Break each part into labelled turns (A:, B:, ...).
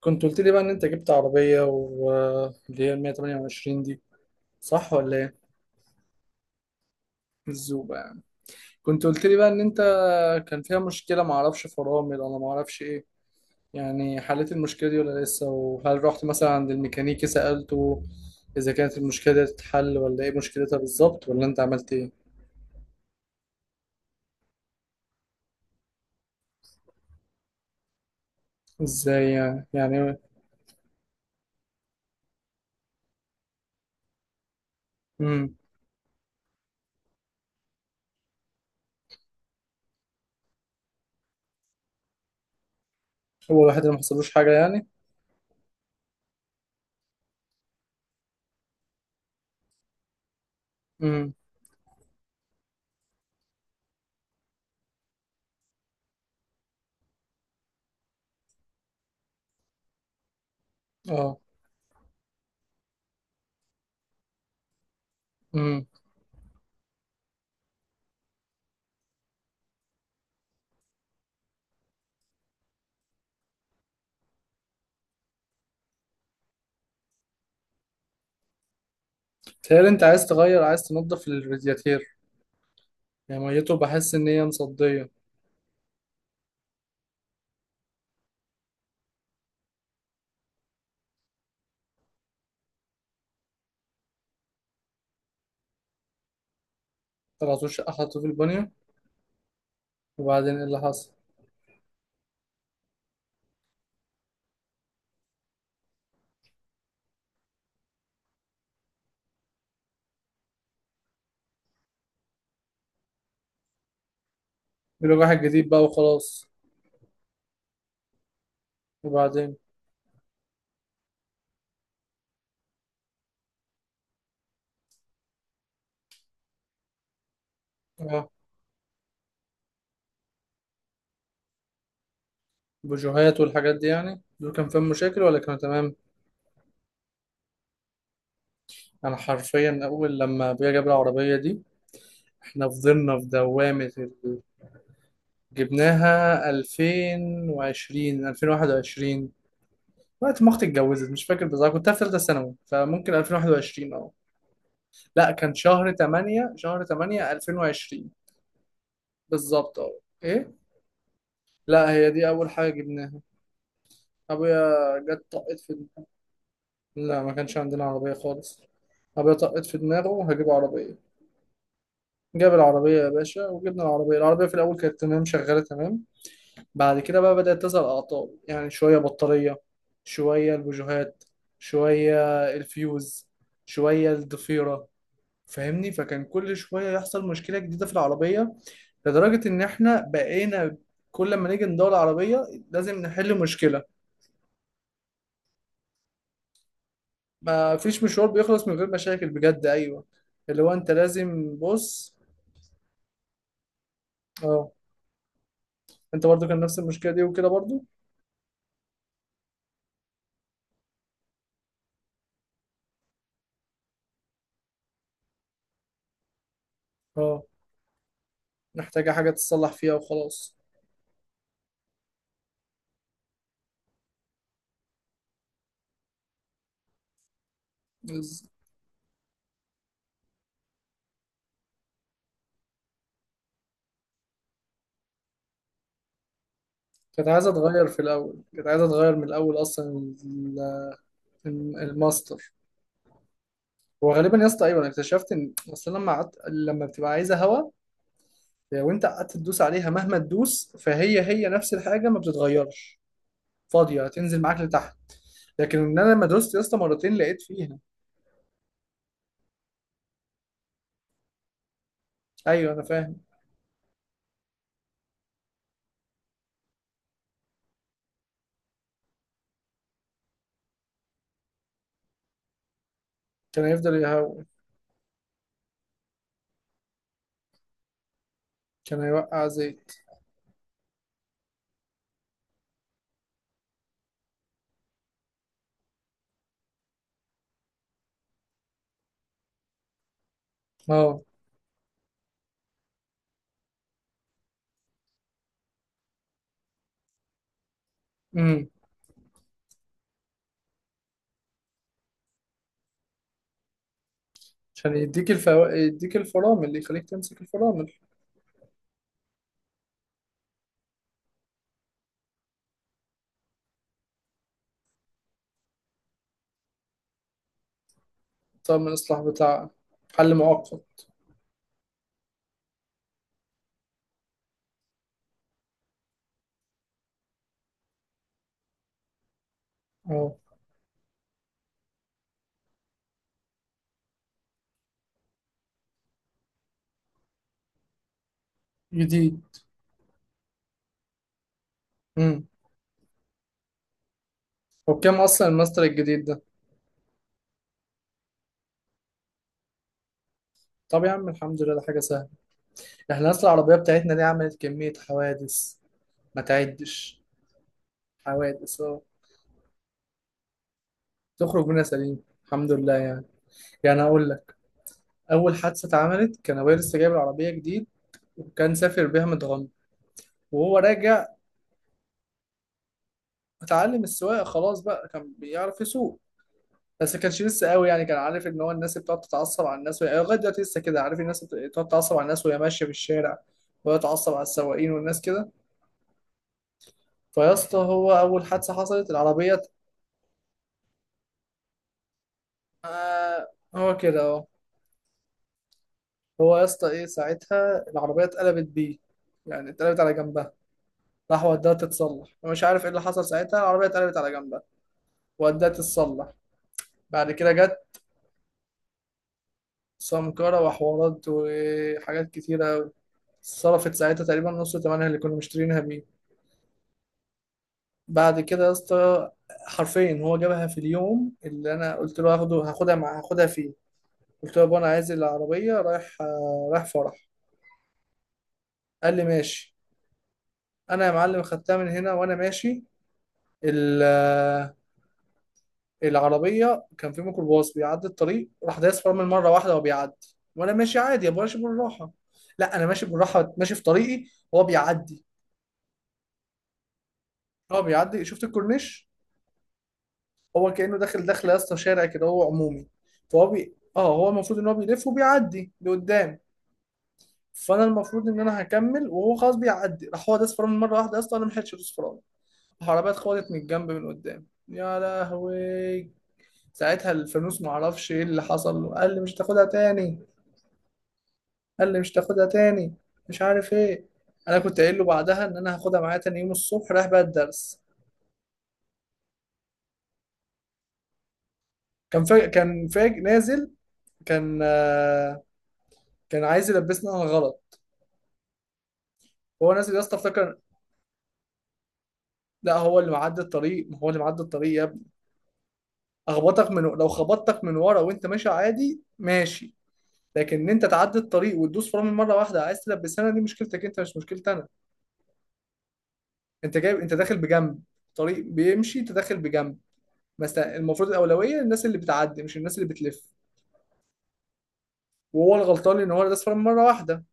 A: كنت قلت لي بقى ان انت جبت عربية واللي هي ال 128 دي، صح ولا ايه؟ الزوبة يعني. كنت قلت لي بقى ان انت كان فيها مشكلة، ما اعرفش فرامل ولا ما اعرفش ايه. يعني حليت المشكلة دي ولا لسه؟ وهل رحت مثلا عند الميكانيكي سألته اذا كانت المشكلة دي تتحل ولا ايه مشكلتها بالظبط، ولا انت عملت ايه؟ ازاي يعني؟ يعني امم هو الواحد اللي ما حصلوش حاجة يعني؟ امم. اه. امم. تخيل انت عايز تغير، عايز تنظف الرادياتير، يعني ميته، بحس ان هي مصدية. طلعتوش شقة حطوه في البانيو؟ وبعدين ايه اللي حصل؟ بيقول لك واحد جديد بقى وخلاص. وبعدين؟ اه. بوجوهات والحاجات دي يعني، دول كان فيهم مشاكل ولا كانوا تمام؟ انا حرفيا اول لما ابويا جاب العربية دي، احنا فضلنا في دوامة ال-. جبناها 2020، 2021، وقت ما اختي اتجوزت، مش فاكر بالظبط. كنت في ثالثة ثانوي، فممكن 2021. اه لا، كان شهر 8، شهر 8 2020. بالظبط. اه. ايه. لا، هي دي اول حاجة جبناها. أبويا جت طقت في. لا، ما كانش عندنا عربية خالص. أبويا طقت في دماغه هجيب عربية. جاب العربية يا باشا، وجبنا العربية. العربية في الأول كانت تمام، شغالة تمام. بعد كده بقى بدأت تظهر أعطال، يعني شوية بطارية، شوية البوجيهات، شوية الفيوز، شوية الضفيرة، فاهمني؟ فكان كل شوية يحصل مشكلة جديدة في العربية، لدرجة إن إحنا بقينا كل ما نيجي ندور العربية لازم نحل مشكلة. ما فيش مشوار بيخلص من غير مشاكل، بجد، ايوه. اللي هو انت لازم بص. اه. انت برضو كان نفس المشكله دي وكده برضو؟ اه. محتاجه حاجه تتصلح فيها وخلاص. بس كانت عايزه اتغير، في الاول كانت عايزه اتغير من الاول اصلا. ال- الماستر. هو غالبا يا اسطى، ايوه، انا اكتشفت ان اصلا لما قعدت، لما بتبقى عايزه هوا، وانت قعدت تدوس عليها مهما تدوس، فهي نفس الحاجه، ما بتتغيرش. فاضيه، هتنزل معاك لتحت. لكن ان انا لما دوست يا اسطى مرتين لقيت فيها. ايوه انا فاهم. كان هيفضل يهوي. كان هيوقع زيت. اه. امم. عشان يديك الفو...، يديك الفرامل، اللي يخليك تمسك الفرامل. طب من الإصلاح بتاع، حل مؤقت؟ اه. جديد. امم. وبكام أصلا الماستر الجديد ده؟ طب يا عم الحمد لله، ده حاجة سهلة. احنا أصلا العربية بتاعتنا دي عملت كمية حوادث، ما تعدش. حوادث اه. تخرج منها سليم الحمد لله يعني. يعني أقول لك، أول حادثة اتعملت كان أبويا لسه جايب العربية جديد، وكان سافر بيها متغمر، وهو راجع. اتعلم السواقه، خلاص بقى، كان بيعرف يسوق، بس ما كانش لسه قوي. يعني كان عارف ان هو الناس اللي بتقعد تتعصب على الناس وهي-، لغايه دلوقتي لسه كده، عارف الناس اللي بتقعد تتعصب على الناس وهي ماشيه في الشارع، وهي تتعصب على السواقين والناس كده. فيا اسطى، هو اول حادثه حصلت العربيه ت-. آه، هو كده اهو. هو يا اسطى، ايه ساعتها العربيه اتقلبت بيه، يعني اتقلبت على جنبها. راح وداها تتصلح، ومش عارف ايه اللي حصل ساعتها العربيه اتقلبت على جنبها. وداها تتصلح. بعد كده جت سمكرة وحوارات وحاجات كتيرة. صرفت ساعتها تقريبا نص ثمنها اللي كنا مشترينها بيه. بعد كده يا اسطى، حرفيا هو جابها في اليوم اللي انا قلت له هاخدها فيه. قلت له يا بابا، انا عايز العربيه، رايح، رايح فرح. قال لي ماشي. انا يا معلم خدتها من هنا وانا ماشي. ال- آه، العربيه كان في ميكروباص بيعدي الطريق، راح دايس فرامل مره واحده وبيعدي، وانا ماشي عادي يا ابو، ماشي بالراحه. لا انا ماشي بالراحه، ماشي في طريقي، هو بيعدي. هو بيعدي، شفت الكورنيش؟ هو كأنه داخل، داخل يا اسطى شارع كده، هو عمومي. فهو بي... اه هو المفروض ان هو بيلف وبيعدي لقدام. فانا المفروض ان انا هكمل، وهو خلاص بيعدي. راح هو داس فرامل مره واحده يا اسطى، انا ما لحقتش ادوس فرامل. العربيه اتخبطت من الجنب، من قدام. يا لهوي، ساعتها الفانوس ما اعرفش ايه اللي حصل له. قال لي مش تاخدها تاني. قال لي مش تاخدها تاني، مش عارف ايه. انا كنت قايل له بعدها ان انا هاخدها معايا تاني يوم الصبح رايح بقى الدرس. كان فاج نازل. كان آه، كان عايز يلبسني انا غلط. هو نازل يا اسطى، افتكر. لا، هو اللي معدي الطريق، ما هو اللي معدي الطريق يا ابني. اخبطك من لو خبطتك من ورا وانت ماشي عادي ماشي. لكن ان انت تعدي الطريق وتدوس فرامل مره واحده عايز تلبسها، دي مشكلتك انت، مش مشكلتي انا. انت جايب، انت داخل بجنب طريق بيمشي، انت داخل بجنب. مثلا المفروض الاولويه للناس اللي بتعدي، مش الناس اللي بتلف. وهو الغلطان، ان هو داس فرامل مره واحده.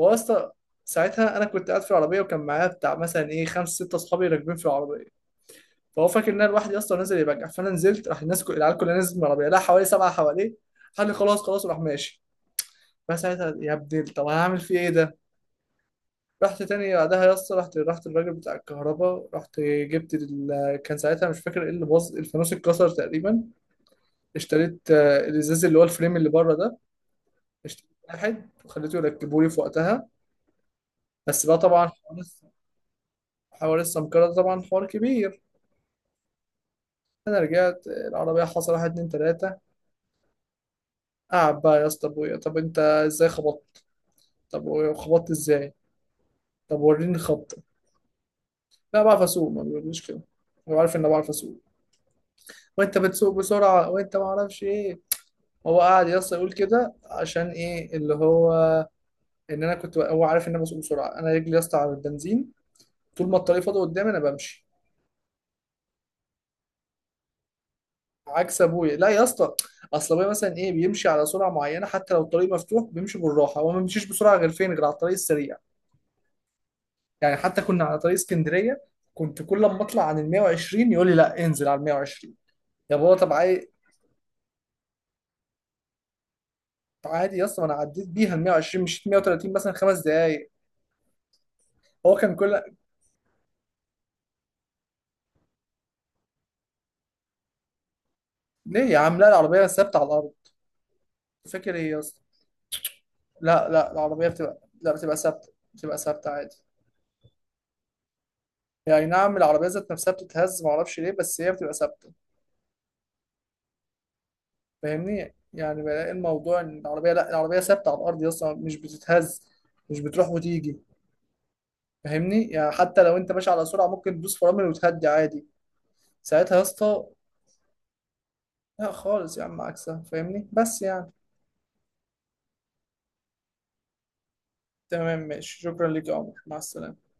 A: هو يا اسطى، ساعتها انا كنت قاعد في العربيه، وكان معايا بتاع مثلا ايه، خمس ست اصحابي راكبين في العربيه. فهو فاكر ان انا لوحدي، اصلا نازل يبجع. فانا نزلت، راح العيال كلها نزلت من العربيه، لا حوالي سبعه حواليه. قال لي خلاص خلاص، وراح ماشي. فساعتها يا ابني، طب هعمل فيه ايه ده؟ رحت تاني بعدها يا اسطى، رحت الراجل بتاع الكهرباء. رحت جبت كان ساعتها مش فاكر ايه اللي باظ، الفانوس اتكسر تقريبا. اشتريت الازاز اللي هو الفريم اللي بره ده. اشتريت واحد وخليته يركبه لي في وقتها. بس بقى طبعا حوار السمكرة ده طبعا حوار كبير. انا رجعت، العربيه حصل واحد اتنين تلاته. قعد بقى يا اسطى ابويا، طب انت ازاي خبطت؟ طب وخبطت ازاي؟ طب وريني خبطه. لا، بعرف اسوق، ما بيقوليش كده، هو عارف ان انا بعرف اسوق. وانت بتسوق بسرعه، وانت ما اعرفش ايه. هو قاعد يا اسطى يقول كده عشان ايه اللي هو، ان انا كنت، هو عارف ان انا بسوق بسرعه. انا رجلي يا اسطى على البنزين، طول ما الطريق فاضي قدامي انا بمشي. عكس ابويا. لا يا اسطى، اصل ابويا مثلا ايه، بيمشي على سرعه معينه، حتى لو الطريق مفتوح بيمشي بالراحه، هو ما بيمشيش بسرعه غير فين؟ غير على الطريق السريع. يعني حتى كنا على طريق اسكندريه، كنت كل ما اطلع عن ال 120 يقول لي لا انزل على ال 120. يا بابا طب عايز، عادي يا اسطى، ما انا عديت بيها ال 120، مشيت 130 مثلا 5 دقايق. هو كان كل، ليه يا عم؟ لا، العربيه ثابته على الارض، فاكر ايه يا اسطى؟ لا لا، العربيه بتبقى، لا بتبقى ثابته، بتبقى ثابته عادي. يعني نعم العربيه ذات نفسها بتتهز ما اعرفش ليه، بس هي بتبقى ثابته. فاهمني؟ يعني بلاقي الموضوع ان العربيه، لا العربيه ثابته على الارض يا اسطى، مش بتتهز، مش بتروح وتيجي. فاهمني؟ يعني حتى لو انت ماشي على سرعه ممكن تدوس فرامل وتهدي عادي. ساعتها يا اسطى، لا خالص يا عم، عكسها. فاهمني بس يعني. تمام ماشي، شكرا ليك يا عمر، مع السلامة.